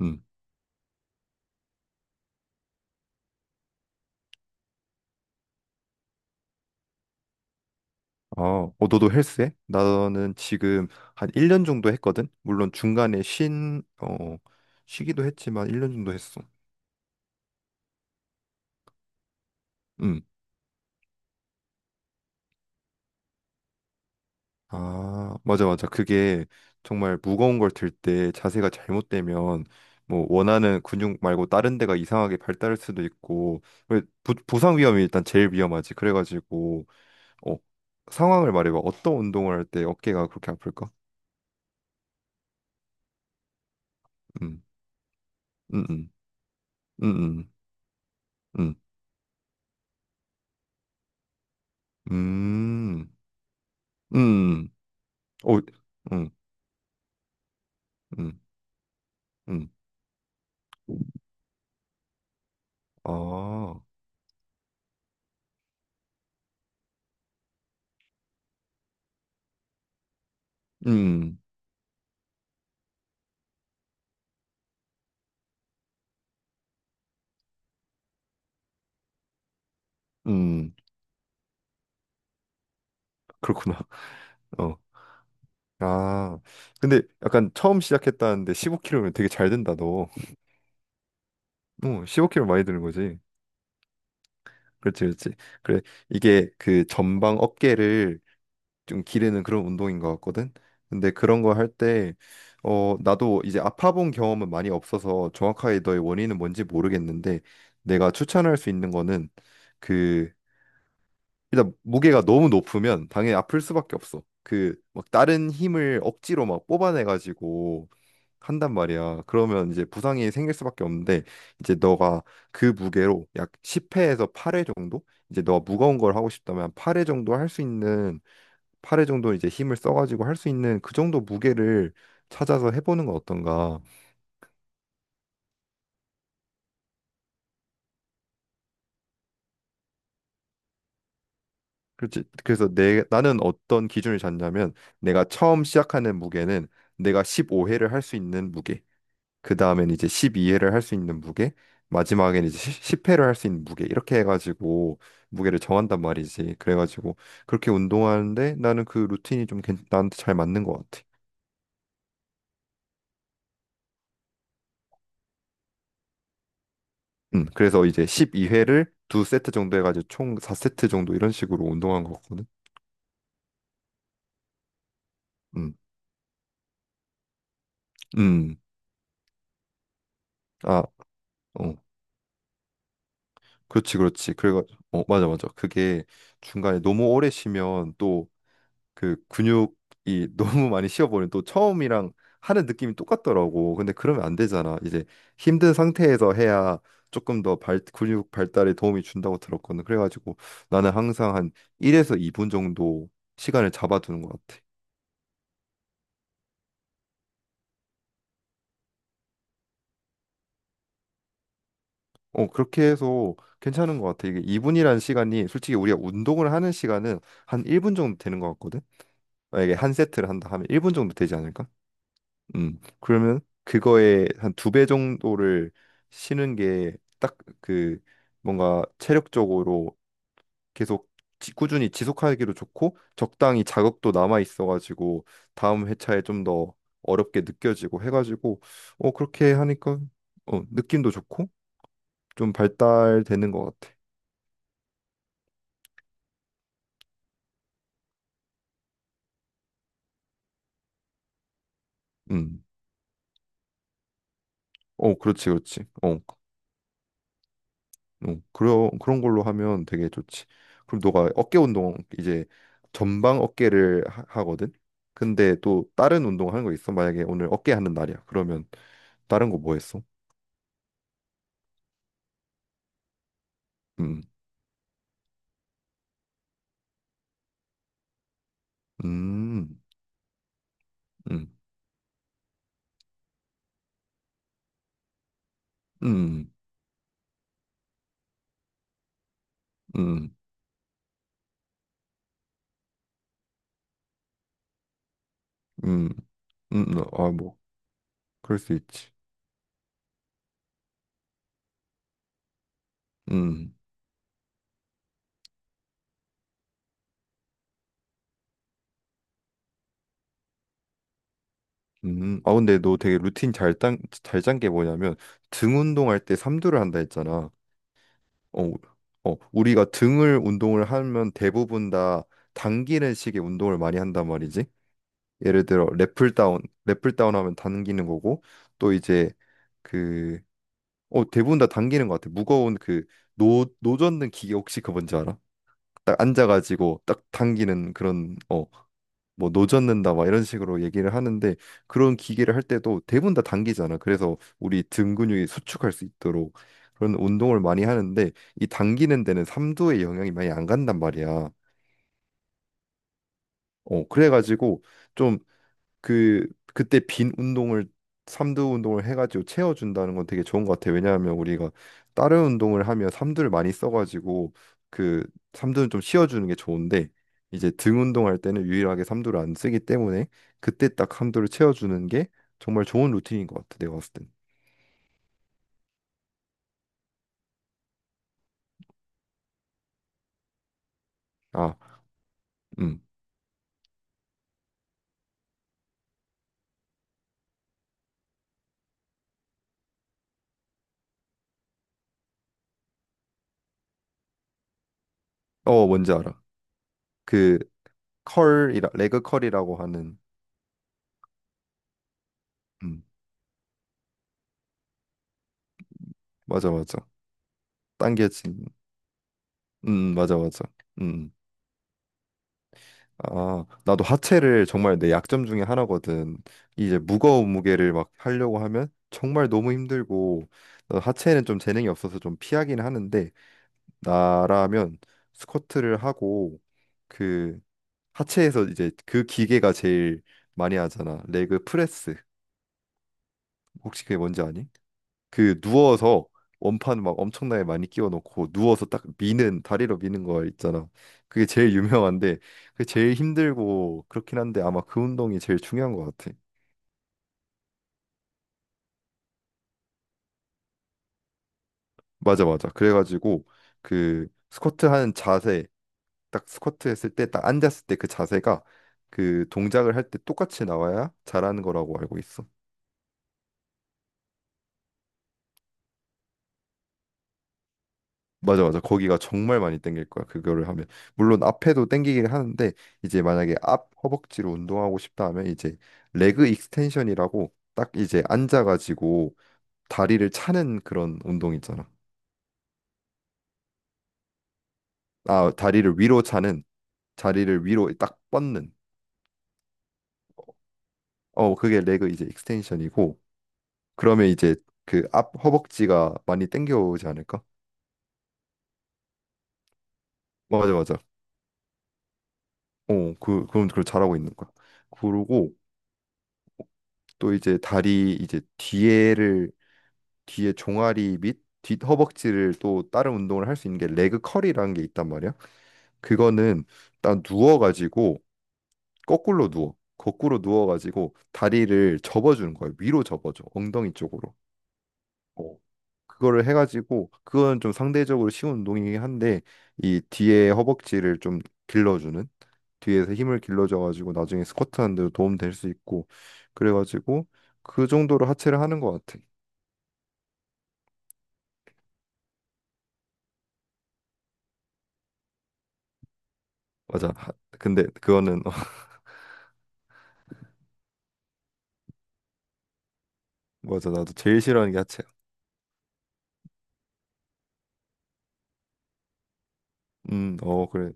음. 어, 너도 헬스해? 나는 지금 한 1년 정도 했거든? 물론 중간에 쉬기도 했지만 1년 정도 했어. 음. 아, 맞아, 맞아. 그게 정말 무거운 걸 들 때 자세가 잘못되면 뭐 원하는 근육 말고 다른 데가 이상하게 발달할 수도 있고, 왜 부상 위험이 일단 제일 위험하지. 그래가지고, 어, 상황을 말해봐. 어떤 운동을 할 때 어깨가 그렇게 아플까? 음, 음, 음, 음, 음, 음. 음. 오, 음, 음, 음. 아, 음, 음, 그렇구나. 어. 아, 근데 약간 처음 시작했다는데 15kg면 되게 잘 된다, 너. 어, 15kg 많이 드는 거지. 그렇지, 그렇지. 그래, 이게 그 전방 어깨를 좀 기르는 그런 운동인 것 같거든. 근데 그런 거 할 때, 나도 이제 아파 본 경험은 많이 없어서 정확하게 너의 원인은 뭔지 모르겠는데, 내가 추천할 수 있는 거는 그 일단 무게가 너무 높으면 당연히 아플 수밖에 없어. 그 막 다른 힘을 억지로 막 뽑아내 가지고 한단 말이야. 그러면 이제 부상이 생길 수밖에 없는데 이제 너가 그 무게로 약 10회에서 8회 정도 이제 너가 무거운 걸 하고 싶다면 8회 정도 할 수 있는 8회 정도 이제 힘을 써 가지고 할 수 있는 그 정도 무게를 찾아서 해보는 건 어떤가. 그렇지. 그래서 내 나는 어떤 기준을 잡냐면 내가 처음 시작하는 무게는 내가 15회를 할 수 있는 무게. 그 다음엔 이제 12회를 할 수 있는 무게, 마지막엔 이제 10회를 할 수 있는 무게 이렇게 해가지고 무게를 정한단 말이지. 그래가지고 그렇게 운동하는데 나는 그 루틴이 좀 나한테 잘 맞는 것 같아. 그래서 이제 12회를 두 세트 정도 해가지고 총 4세트 정도 이런 식으로 운동한 거거든. 음, 음, 아, 어, 그렇지, 그렇지. 맞아, 맞아. 그게 중간에 너무 오래 쉬면 또 그 근육이 너무 많이 쉬어버리면 또 처음이랑 하는 느낌이 똑같더라고. 근데 그러면 안 되잖아. 이제 힘든 상태에서 해야 조금 더 근육 발달에 도움이 준다고 들었거든. 그래가지고 나는 항상 한 1에서 2분 정도 시간을 잡아두는 것 같아. 어, 그렇게 해서 괜찮은 것 같아. 이게 2분이라는 시간이 솔직히 우리가 운동을 하는 시간은 한 1분 정도 되는 것 같거든. 만약에 한 세트를 한다 하면 1분 정도 되지 않을까? 그러면 그거에 한 두 배 정도를 쉬는 게 딱 그 뭔가 체력적으로 계속 꾸준히 지속하기도 좋고 적당히 자극도 남아 있어가지고 다음 회차에 좀 더 어렵게 느껴지고 해가지고 그렇게 하니까 느낌도 좋고 좀 발달되는 것 같아. 음, 어 그렇지 그렇지. 어. 어, 그런 걸로 하면 되게 좋지. 그럼 너가 어깨 운동 이제 전방 어깨를 하, 거든 근데 또 다른 운동 하는 거 있어? 만약에 오늘 어깨 하는 날이야. 그러면 다른 거 뭐 했어? 음, 음, 음, 음, 음, 음, 아, 뭐, 그럴 수 있지. 음, 아, 근데 너 되게 루틴 잘짠 게 뭐냐면 등 운동할 때 삼두를 한다 했잖아. 어, 우리가 등을 운동을 하면 대부분 다 당기는 식의 운동을 많이 한단 말이지. 예를 들어 랩을 다운 하면 당기는 거고 또 이제 그 대부분 다 당기는 것 같아. 무거운 그 노젓는 기계 혹시 그 뭔지 알아? 딱 앉아가지고 딱 당기는 그런 뭐 노젓는다 막 이런 식으로 얘기를 하는데 그런 기계를 할 때도 대부분 다 당기잖아. 그래서 우리 등 근육이 수축할 수 있도록 그런 운동을 많이 하는데 이 당기는 데는 삼두의 영향이 많이 안 간단 말이야. 어, 그래가지고 좀 그 그때 빈 운동을 삼두 운동을 해가지고 채워준다는 건 되게 좋은 것 같아요. 왜냐하면 우리가 다른 운동을 하면 삼두를 많이 써가지고 그 삼두는 좀 쉬어주는 게 좋은데 이제 등 운동할 때는 유일하게 삼두를 안 쓰기 때문에 그때 딱 삼두를 채워주는 게 정말 좋은 루틴인 것 같아. 내가 봤을 땐. 아, 음, 어, 뭔지 알아. 그 컬이라 레그 컬이라고 하는, 음, 맞아 맞아. 당겨진, 맞아 맞아. 음. 아, 나도 하체를 정말 내 약점 중에 하나거든. 이제 무거운 무게를 막 하려고 하면 정말 너무 힘들고 하체는 좀 재능이 없어서 좀 피하긴 하는데 나라면 스쿼트를 하고 그 하체에서 이제 그 기계가 제일 많이 하잖아. 레그 프레스. 혹시 그게 뭔지 아니? 그 누워서 원판 막 엄청나게 많이 끼워놓고 누워서 딱 미는 다리로 미는 거 있잖아. 그게 제일 유명한데 그게 제일 힘들고 그렇긴 한데 아마 그 운동이 제일 중요한 것 같아. 맞아 맞아. 그래가지고 그 스쿼트 하는 자세 딱 스쿼트 했을 때 딱 앉았을 때 그 자세가 그 동작을 할 때 똑같이 나와야 잘하는 거라고 알고 있어. 맞아 맞아 거기가 정말 많이 땡길 거야 그거를 하면 물론 앞에도 땡기긴 하는데 이제 만약에 앞 허벅지로 운동하고 싶다 하면 이제 레그 익스텐션이라고 딱 이제 앉아가지고 다리를 차는 그런 운동 있잖아 아 다리를 위로 차는 자리를 위로 딱 뻗는 어 그게 레그 이제 익스텐션이고 그러면 이제 그 앞 허벅지가 많이 땡겨오지 않을까 맞아 맞아 어그 그럼 그걸 잘하고 있는 거야 그러고 또 이제 다리 이제 뒤에를 뒤에 종아리 및 뒷허벅지를 또 다른 운동을 할 수 있는 게 레그 컬이라는 게 있단 말이야. 그거는 딱 누워가지고 거꾸로 누워. 거꾸로 누워가지고 다리를 접어주는 거야. 위로 접어줘. 엉덩이 쪽으로. 어. 그거를 해가지고 그건 좀 상대적으로 쉬운 운동이긴 한데 이 뒤에 허벅지를 좀 길러주는 뒤에서 힘을 길러줘가지고 나중에 스쿼트 하는 데도 도움 될 수 있고 그래가지고 그 정도로 하체를 하는 것 같아. 맞아. 근데 그거는 맞아 나도 제일 싫어하는 게 하체야 어 그래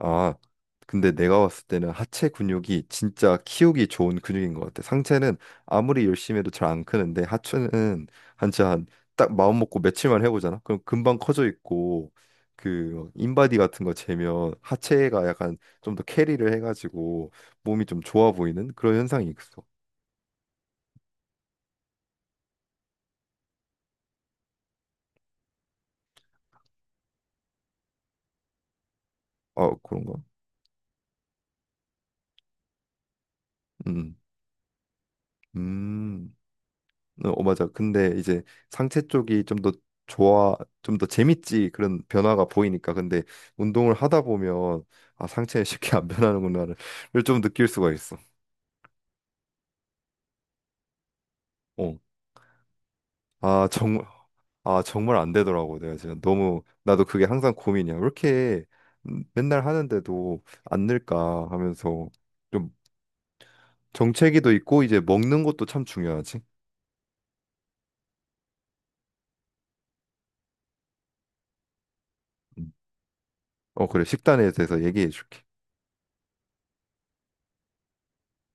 음아 근데 내가 봤을 때는 하체 근육이 진짜 키우기 좋은 근육인 것 같아 상체는 아무리 열심히 해도 잘 안 크는데 하체는 한짜 한딱 마음 먹고 며칠만 해보잖아 그럼 금방 커져 있고 그 인바디 같은 거 재면 하체가 약간 좀 더 캐리를 해가지고 몸이 좀 좋아 보이는 그런 현상이 있어 아 그런가 음음 어 어, 맞아. 근데 이제 상체 쪽이 좀 더 좋아, 좀 더 재밌지 그런 변화가 보이니까. 근데 운동을 하다 보면 아 상체는 쉽게 안 변하는구나를 좀 느낄 수가 있어. 어. 아 정말 아 정말 안 되더라고. 내가 진짜 너무 나도 그게 항상 고민이야. 왜 이렇게 맨날 하는데도 안 늘까 하면서 좀 정체기도 있고 이제 먹는 것도 참 중요하지. 음. 어 그래 식단에 대해서 얘기해 줄게.